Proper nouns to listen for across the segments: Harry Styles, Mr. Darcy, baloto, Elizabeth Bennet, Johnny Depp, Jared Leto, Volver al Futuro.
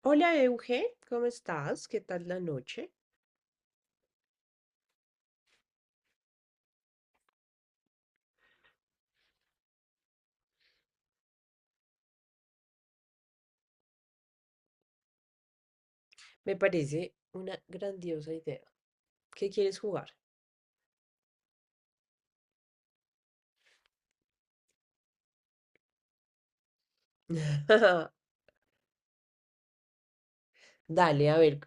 Hola Euge, ¿cómo estás? ¿Qué tal la noche? Me parece una grandiosa idea. ¿Qué quieres jugar? Dale, a ver,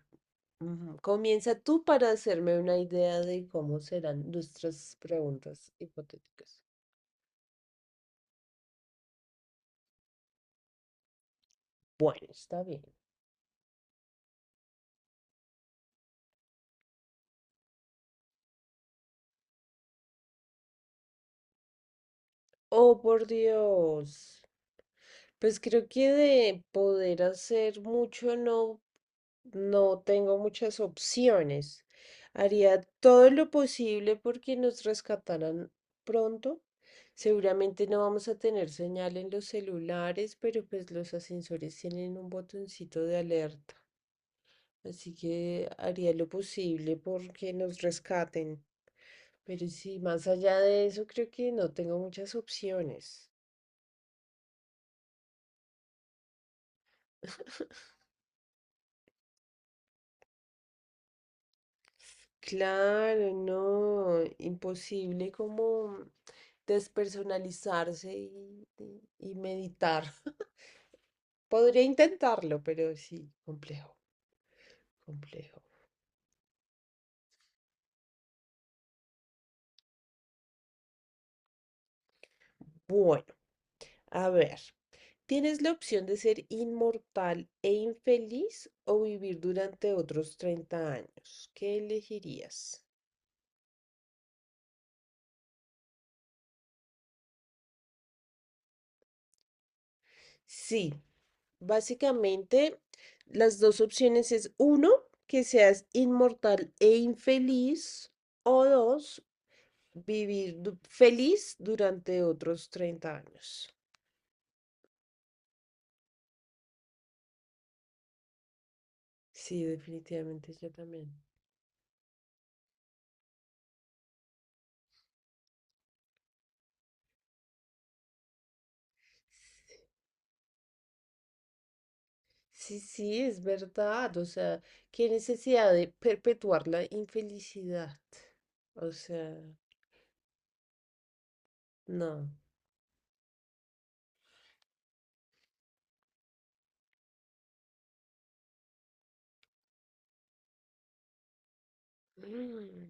comienza tú para hacerme una idea de cómo serán nuestras preguntas hipotéticas. Bueno, está bien. Oh, por Dios. Pues creo que de poder hacer mucho no No tengo muchas opciones. Haría todo lo posible porque nos rescataran pronto. Seguramente no vamos a tener señal en los celulares, pero pues los ascensores tienen un botoncito de alerta. Así que haría lo posible porque nos rescaten. Pero sí, más allá de eso, creo que no tengo muchas opciones. Claro, no, imposible como despersonalizarse y meditar. Podría intentarlo, pero sí, complejo, complejo. Bueno, a ver, ¿tienes la opción de ser inmortal e infeliz o vivir durante otros 30 años? ¿Qué elegirías? Sí. Básicamente, las dos opciones es uno, que seas inmortal e infeliz, o dos, vivir feliz durante otros 30 años. Sí, definitivamente yo también. Sí, sí, es verdad. O sea, qué necesidad de perpetuar la infelicidad. O sea, no. Mm,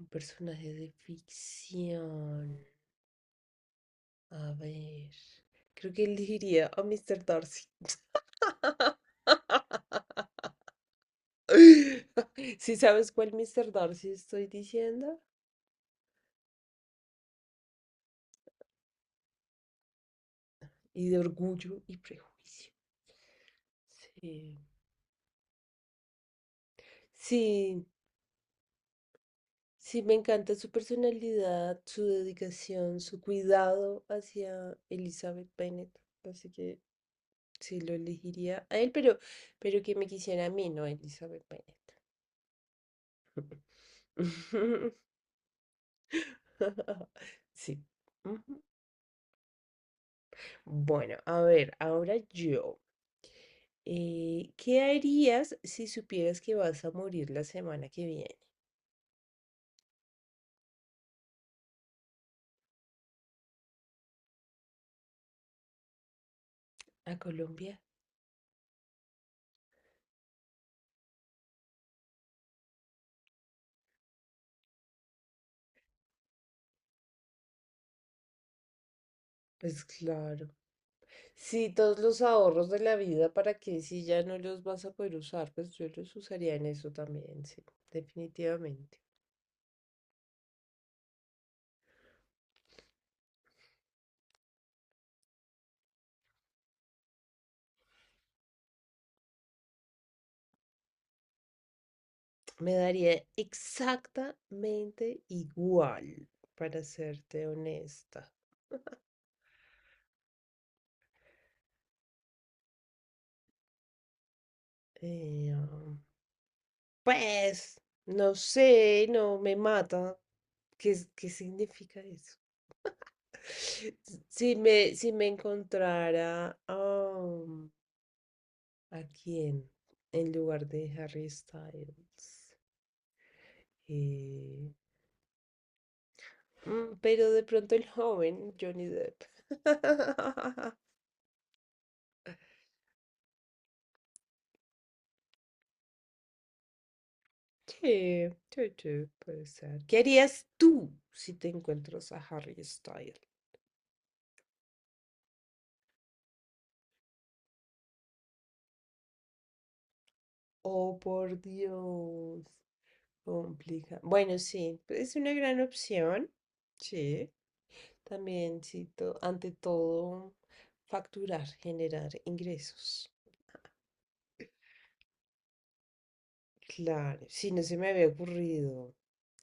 un personaje de ficción. A ver, creo que elegiría a Mr. Darcy. Si sabes cuál Mr. Darcy estoy diciendo, y de orgullo y prejuicio. Sí, sí, sí, me encanta su personalidad, su dedicación, su cuidado hacia Elizabeth Bennet. Así que sí, lo elegiría a él, pero que me quisiera a mí, no a Elizabeth Bennet. Sí. Bueno, a ver, ahora yo. ¿qué harías si supieras que vas a morir la semana que viene? ¿A Colombia? Pues claro. Sí, todos los ahorros de la vida, ¿para que Si ya no los vas a poder usar, pues yo los usaría en eso también, sí, definitivamente. Me daría exactamente igual, para serte honesta. Eh, Pues, no sé, no me mata. ¿Qué, qué significa eso? Si me, si me encontrara a quién en lugar de Harry Styles. Eh, pero de pronto el joven Johnny Depp. Sí, sí, sí, puede ser. ¿Qué harías tú si te encuentras a Harry Styles? Oh, por Dios. Complica. Bueno, sí, es una gran opción. Sí. También, sí, ante todo, facturar, generar ingresos. Claro, sí, no se me había ocurrido.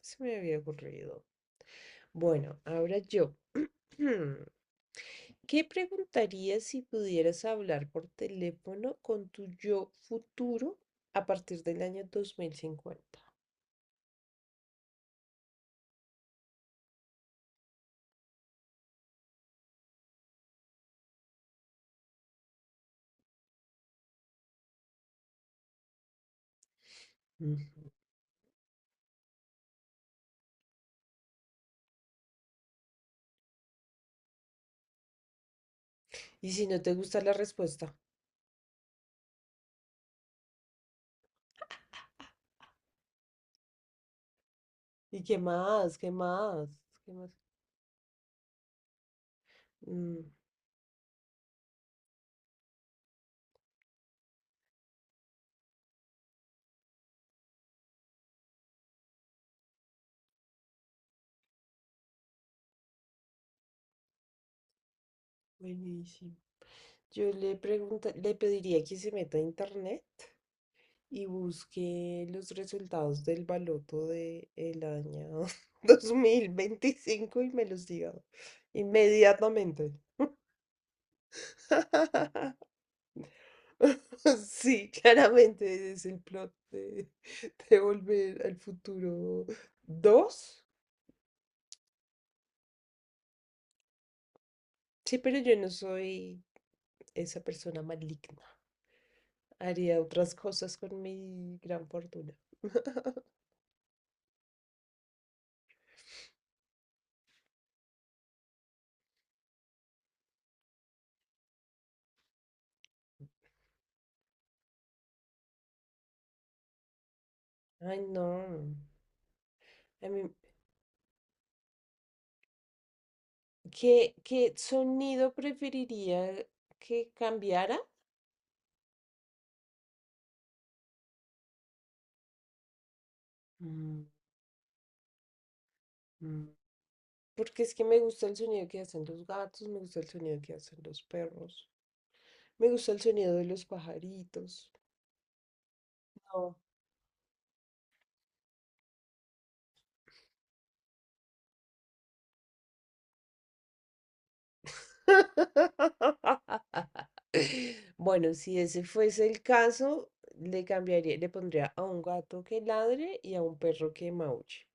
Se me había ocurrido. Bueno, ahora yo. ¿Qué preguntarías si pudieras hablar por teléfono con tu yo futuro a partir del año 2050? Ujú. Y si no te gusta la respuesta. ¿Y qué más? ¿Qué más? ¿Qué más? Mm, buenísimo. Yo le pregunta, le pediría que se meta a internet y busque los resultados del baloto de el año 2025 y me los diga inmediatamente. Sí, claramente es el plot de Volver al Futuro dos. Sí, pero yo no soy esa persona maligna. Haría otras cosas con mi gran fortuna. Ay, no. A mí, ¿qué, qué sonido preferiría que cambiara? Mm, mm. Porque es que me gusta el sonido que hacen los gatos, me gusta el sonido que hacen los perros, me gusta el sonido de los pajaritos. No. Bueno, si ese fuese el caso, le cambiaría, le pondría a un gato que ladre y a un perro que maulle.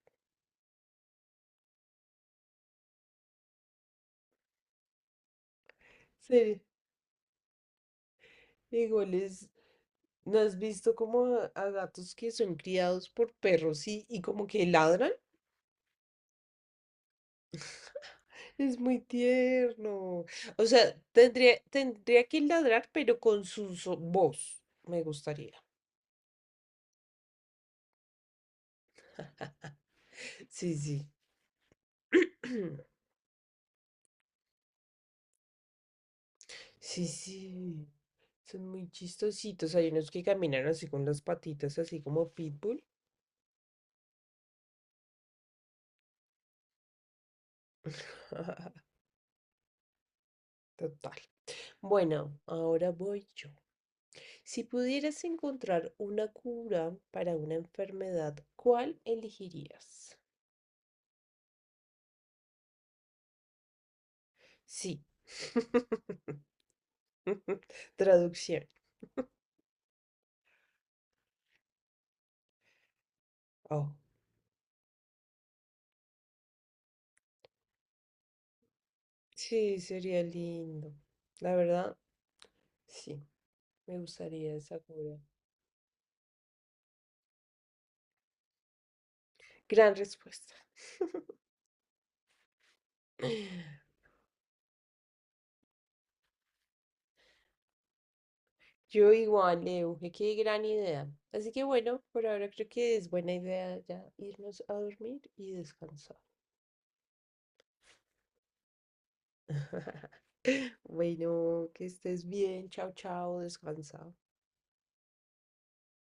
Sí, igual es, ¿no has visto como a gatos que son criados por perros y como que ladran? Es muy tierno. O sea, tendría, tendría que ladrar, pero con su voz. Me gustaría. Sí, sí. Sí, sí. Son muy chistositos. Hay unos que caminan así con las patitas, así como pitbull. Total. Bueno, ahora voy yo. Si pudieras encontrar una cura para una enfermedad, ¿cuál elegirías? Sí. Traducción. Oh, sí, sería lindo. La verdad, sí, me gustaría esa cura. Gran respuesta. Yo igual, Leo, que qué gran idea. Así que bueno, por ahora creo que es buena idea ya irnos a dormir y descansar. Bueno, que estés bien. Chao, chao, descansa.